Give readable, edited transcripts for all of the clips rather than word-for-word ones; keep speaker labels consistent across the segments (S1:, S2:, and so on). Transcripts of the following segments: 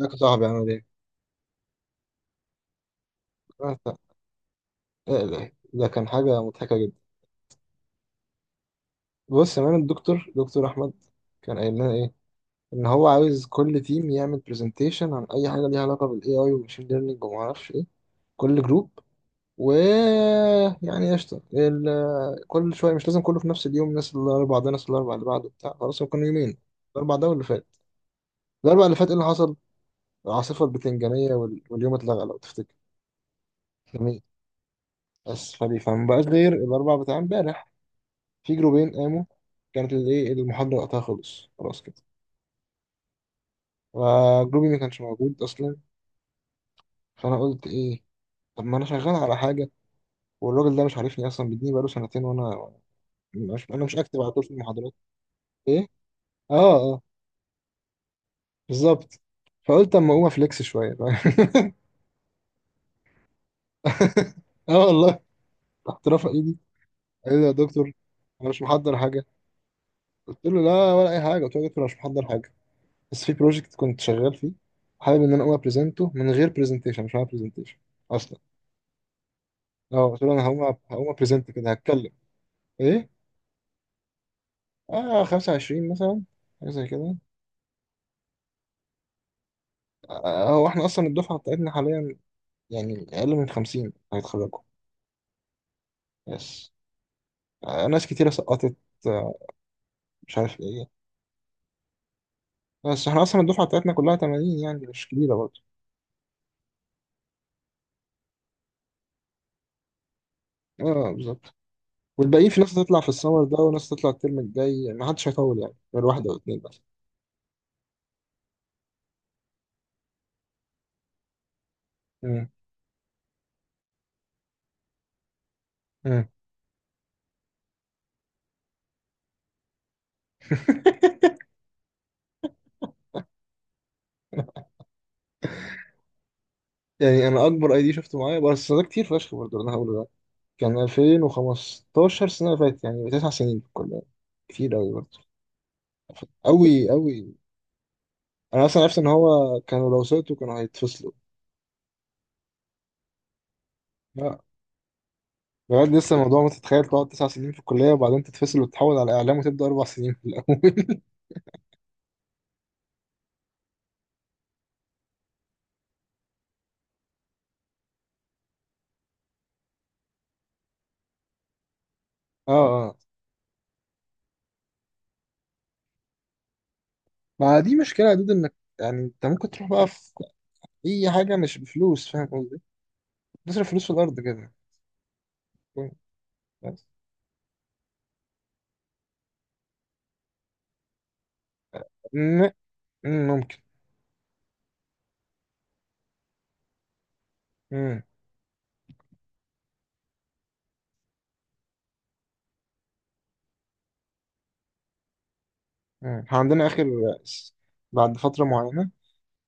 S1: ازيك يا صاحبي؟ عامل ايه؟ انت ايه ده؟ كان حاجة مضحكة جدا. بص يا مان، الدكتور أحمد كان قايل لنا ايه؟ إن هو عاوز كل تيم يعمل برزنتيشن عن أي حاجة ليها علاقة بال AI والماشين ليرنينج ومعرفش ايه، كل جروب. و يعني قشطة كل شوية، مش لازم كله في نفس اليوم. الناس الأربع ده، ناس الأربع اللي بعده، بتاع، خلاص، هو كانوا يومين، الأربع ده واللي فات. الأربع اللي فات ايه اللي حصل؟ العاصفة البتنجانية واليوم اتلغى لو تفتكر. جميل. بس فبيفهم بقاش غير الأربع بتاع امبارح، في جروبين قاموا. كانت الايه المحاضرة وقتها، خلص خلاص كده. فجروبي ما كانش موجود أصلا. فأنا قلت إيه، طب ما أنا شغال على حاجة، والراجل ده مش عارفني أصلا، بيديني بقاله سنتين وأنا مش أكتب على طول في المحاضرات. إيه؟ آه آه، بالظبط. فقلت أما أقوم أفليكس شوية. آه والله، رحت رافع إيدي. قال لي يا دكتور، أنا مش محضر حاجة. قلت له لا، ولا أي حاجة. قلت له يا دكتور، أنا مش محضر حاجة، بس في بروجكت كنت شغال فيه، حابب إن أنا أقوم أبريزنته من غير برزنتيشن، مش معايا برزنتيشن اصلا. اه قلت له انا هقوم ابريزنت كده، هتكلم ايه. اه، 25 مثلا، حاجه زي كده. آه، هو احنا اصلا الدفعه بتاعتنا حاليا يعني اقل من 50 هيتخرجوا. يس. آه، ناس كتيره سقطت، آه، مش عارف ايه. بس احنا اصلا الدفعه بتاعتنا كلها 80، يعني مش كبيره برضه. اه بالظبط، والباقيين في ناس هتطلع في السمر ده، وناس هتطلع الترم الجاي، ما حدش هيطول يعني غير واحده او اتنين بس. مم. مم. يعني انا اكبر اي دي شفته معايا، بس ده كتير فشخ برضه اللي انا هقوله ده، كان 2015، سنة اللي فاتت، يعني تسع سنين في الكلية، كتير أوي برضه. أوي أوي. أنا أصلا عرفت إن هو كانوا لو سقطوا كانوا هيتفصلوا. لا، بجد لسه الموضوع، ما تتخيل تقعد تسع سنين في الكلية وبعدين تتفصل وتتحول على إعلام وتبدأ أربع سنين في الأول. اه اه. ما دي مشكلة يا دود، إنك يعني أنت ممكن تروح بقى في أي حاجة مش بفلوس، فاهم قصدي؟ تصرف فلوس في الأرض كده. بس. م- ممكن. م- م. إحنا عندنا آخر، بعد فترة معينة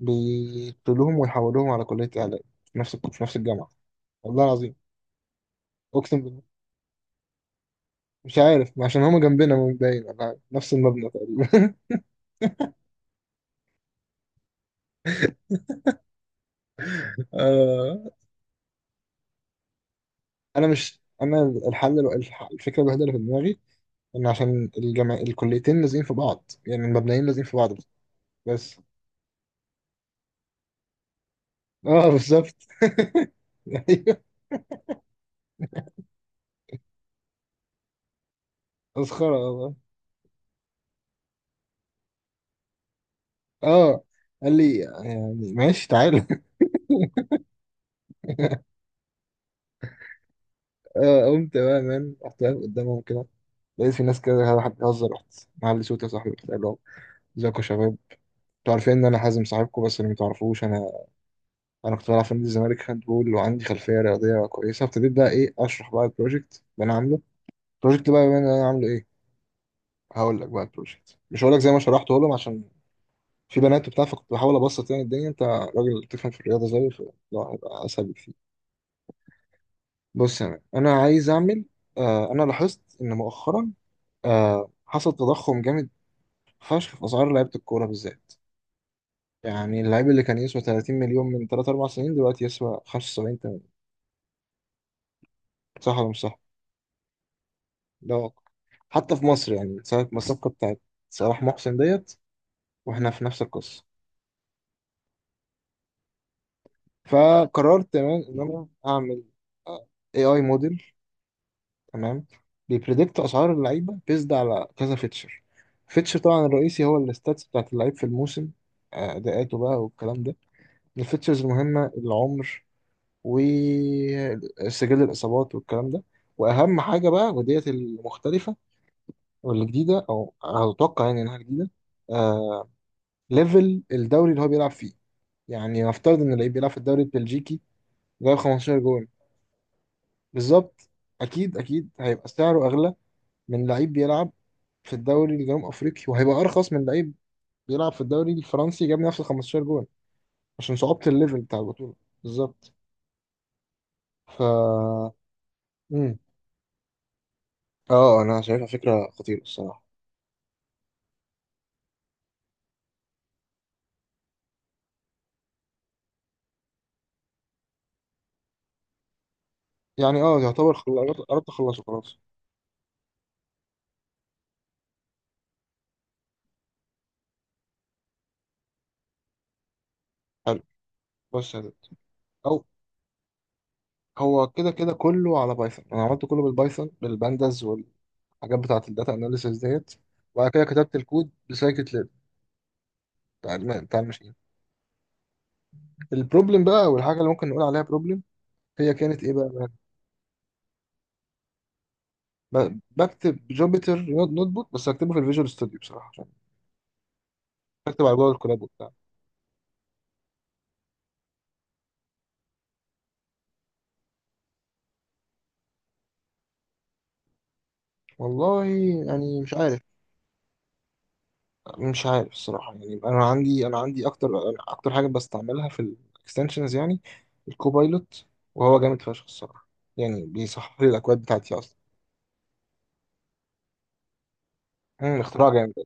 S1: بيقتلوهم ويحولوهم على كلية إعلام، في نفس الجامعة. والله العظيم، أقسم بالله، مش عارف، عشان هما جنبنا من باين، ولا نفس المبنى تقريبا. آه. أنا مش أنا الحل، الفكرة الوحيدة اللي في دماغي إن عشان الجامع الكليتين لازقين في بعض، يعني المبنيين لازقين في بعض بس. بس. أه بالظبط. أيوه. مسخرة والله. أه. قال لي يعني ماشي تعالى. أه قمت بقى مان، رحت واقف قدامهم كده، لقيت في ناس كده، واحد بيهزر. رحت معلي صوتي يا صاحبي، رحت قال لهم ازيكم يا شباب، انتوا عارفين ان انا حازم صاحبكم، بس اللي متعرفوش، انا انا كنت بلعب في نادي الزمالك هاند بول، وعندي خلفيه رياضيه كويسه. ابتديت بقى ايه، اشرح بقى البروجكت اللي انا عامله. البروجكت بقى اللي انا عامله ايه، هقول لك بقى البروجكت، مش هقول لك زي ما شرحته لهم، عشان في بنات وبتاع، فكنت بحاول ابسط يعني الدنيا. انت راجل تفهم في الرياضه زيي، فلا، هيبقى اسهل بكتير. بص يعني انا عايز اعمل، آه، انا لاحظت ان مؤخرا، آه، حصل تضخم جامد فشخ في اسعار لعيبه الكوره بالذات. يعني اللعيب اللي كان يسوى 30 مليون من 3 4 سنين، دلوقتي يسوى 75، صح ولا مش صح؟ ده واقع حتى في مصر، يعني ساعة ما الصفقة بتاعت صلاح محسن ديت، واحنا في نفس القصة. فقررت تمام ان انا اعمل اي موديل، تمام، بيبريدكت اسعار اللعيبة، بيزد على كذا فيتشر. فيتشر طبعا الرئيسي هو الستاتس بتاعت اللعيب في الموسم، آه، اداءاته بقى والكلام ده. من الفيتشرز المهمة العمر، وسجل الاصابات والكلام ده. واهم حاجة بقى وديت المختلفة والجديدة، او هتوقع يعني انها جديدة، آه، ليفل الدوري اللي هو بيلعب فيه. يعني نفترض ان اللعيب بيلعب في الدوري البلجيكي، جايب 15 جول، بالظبط، اكيد اكيد هيبقى سعره اغلى من لعيب بيلعب في الدوري الجنوب افريقي، وهيبقى ارخص من لعيب بيلعب في الدوري الفرنسي جاب نفس ال 15 جول، عشان صعوبة الليفل بتاع البطولة. بالظبط. ف مم. اه انا شايفها فكرة خطيرة الصراحة. يعني اه يعتبر قربت اخلصه خلاص. حلو. بص يا دود. او، هو كده كده كله على بايثون. انا عملت كله بالبايثون بالبانداز، الحاجات بتاعة الداتا اناليسيس ديت. وبعد كده كتبت الكود بسايكت ليرن، بتاع بتاع الماشين. البروبلم بقى، والحاجة اللي ممكن نقول عليها بروبلم، هي كانت ايه بقى. بكتب جوبيتر نوت بوك، بس اكتبه في الفيجوال ستوديو بصراحة، عشان بكتب على جوجل كولاب وبتاع. والله يعني مش عارف. مش عارف الصراحة، يعني انا عندي اكتر حاجة بستعملها في الاكستنشنز يعني الكوبايلوت، وهو جامد فشخ الصراحة. يعني بيصحح لي الاكواد بتاعتي اصلا. مم، اختراع جامد.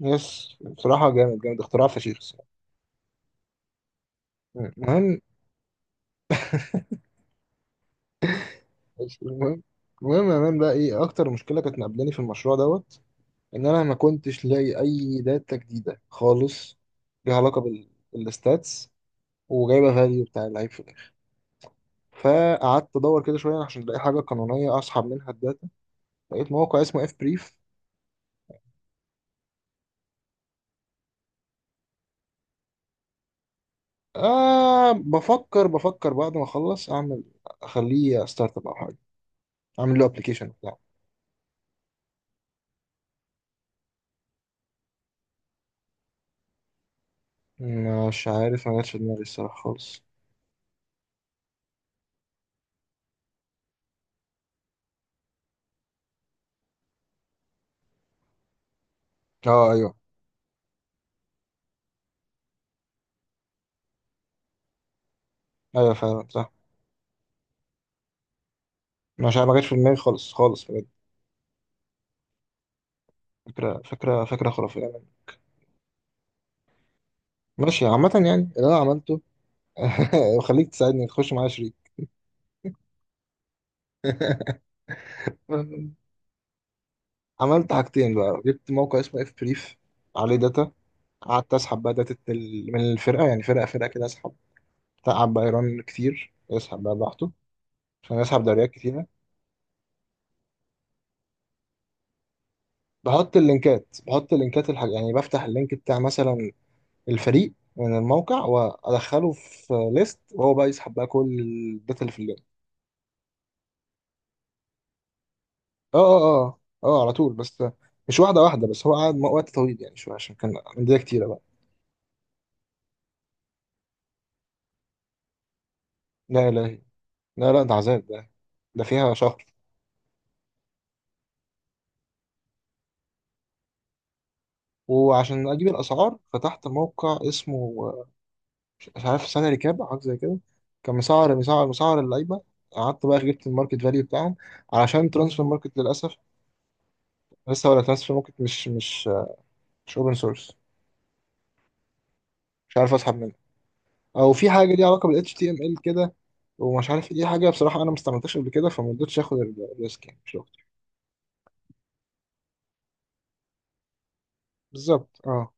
S1: يس بصراحة، جامد جامد، اختراع فشيخ. المهم. المهم. المهم يا مان بقى، ايه اكتر مشكله كانت مقابلاني في المشروع دوت، ان انا ما كنتش لاقي اي داتا جديده خالص، ليها علاقه بالستاتس وجايبه فاليو بتاع اللعيب في الاخر. فقعدت ادور كده شويه عشان الاقي حاجه قانونيه اسحب منها الداتا. لقيت موقع اسمه اف بريف. آه بفكر بعد ما اخلص اعمل، اخليه ستارت اب او حاجه، اعمل له ابلكيشن بتاعه. مش عارف، ما جاتش في دماغي الصراحه خالص. اه ايوه، ايوه فعلا صح. مش عارف، ما جاتش في دماغي خالص خالص بجد. فكرة خرافية يعني. ماشي، عامة يعني اللي أنا عملته. خليك تساعدني تخش معايا شريك. عملت حاجتين بقى، جبت موقع اسمه اف بريف عليه داتا. قعدت اسحب بقى من الفرقة، يعني فرقة فرقة كده اسحب. تعب بقى، يرن كتير، يسحب بقى براحته عشان يسحب دوريات كتيرة. بحط اللينكات يعني بفتح اللينك بتاع مثلا الفريق من الموقع، وادخله في ليست، وهو بقى يسحب بقى كل الداتا اللي في اللينك. اه اه اه اه، على طول بس، مش واحدة واحدة بس. هو قعد وقت طويل يعني شوية، عشان كان أندية كتيرة بقى. لا إلهي، لا لا ده عذاب، ده ده فيها شهر. وعشان أجيب الأسعار فتحت موقع اسمه، آه، مش عارف سنة ريكاب أو حاجة زي كده. كان مسعر اللعيبة. قعدت بقى جبت الماركت فاليو بتاعهم، علشان ترانسفير ماركت للأسف. لسه، ولا ترانسفير ماركت مش آه، مش أوبن سورس. مش عارف أسحب منه، أو في حاجة ليها علاقة بال HTML كده، ومش عارف إيه حاجة بصراحة. أنا ما استعملتهاش قبل كده فما رضيتش آخد الريسك يعني. بالظبط، اه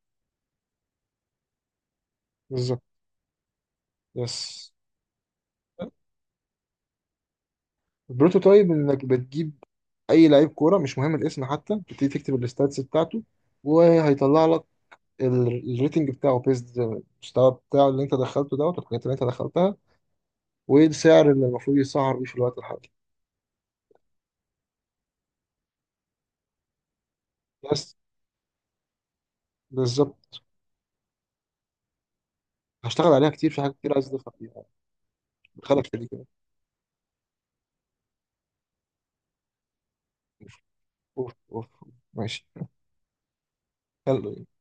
S1: بالظبط. يس. البروتوتايب انك بتجيب اي لعيب كوره، مش مهم الاسم حتى، بتبتدي تكتب الستاتس بتاعته وهيطلع لك الريتنج بتاعه، بيست المستوى بتاعه اللي انت دخلته دوت، والحاجات اللي انت دخلتها، والسعر اللي المفروض يسعر بيه في الوقت الحالي. بس. بالظبط. هشتغل عليها كتير، في حاجات كتير عايز اضيفها فيها. خلك شديد كده. اوف اوف أوف. ماشي. يلا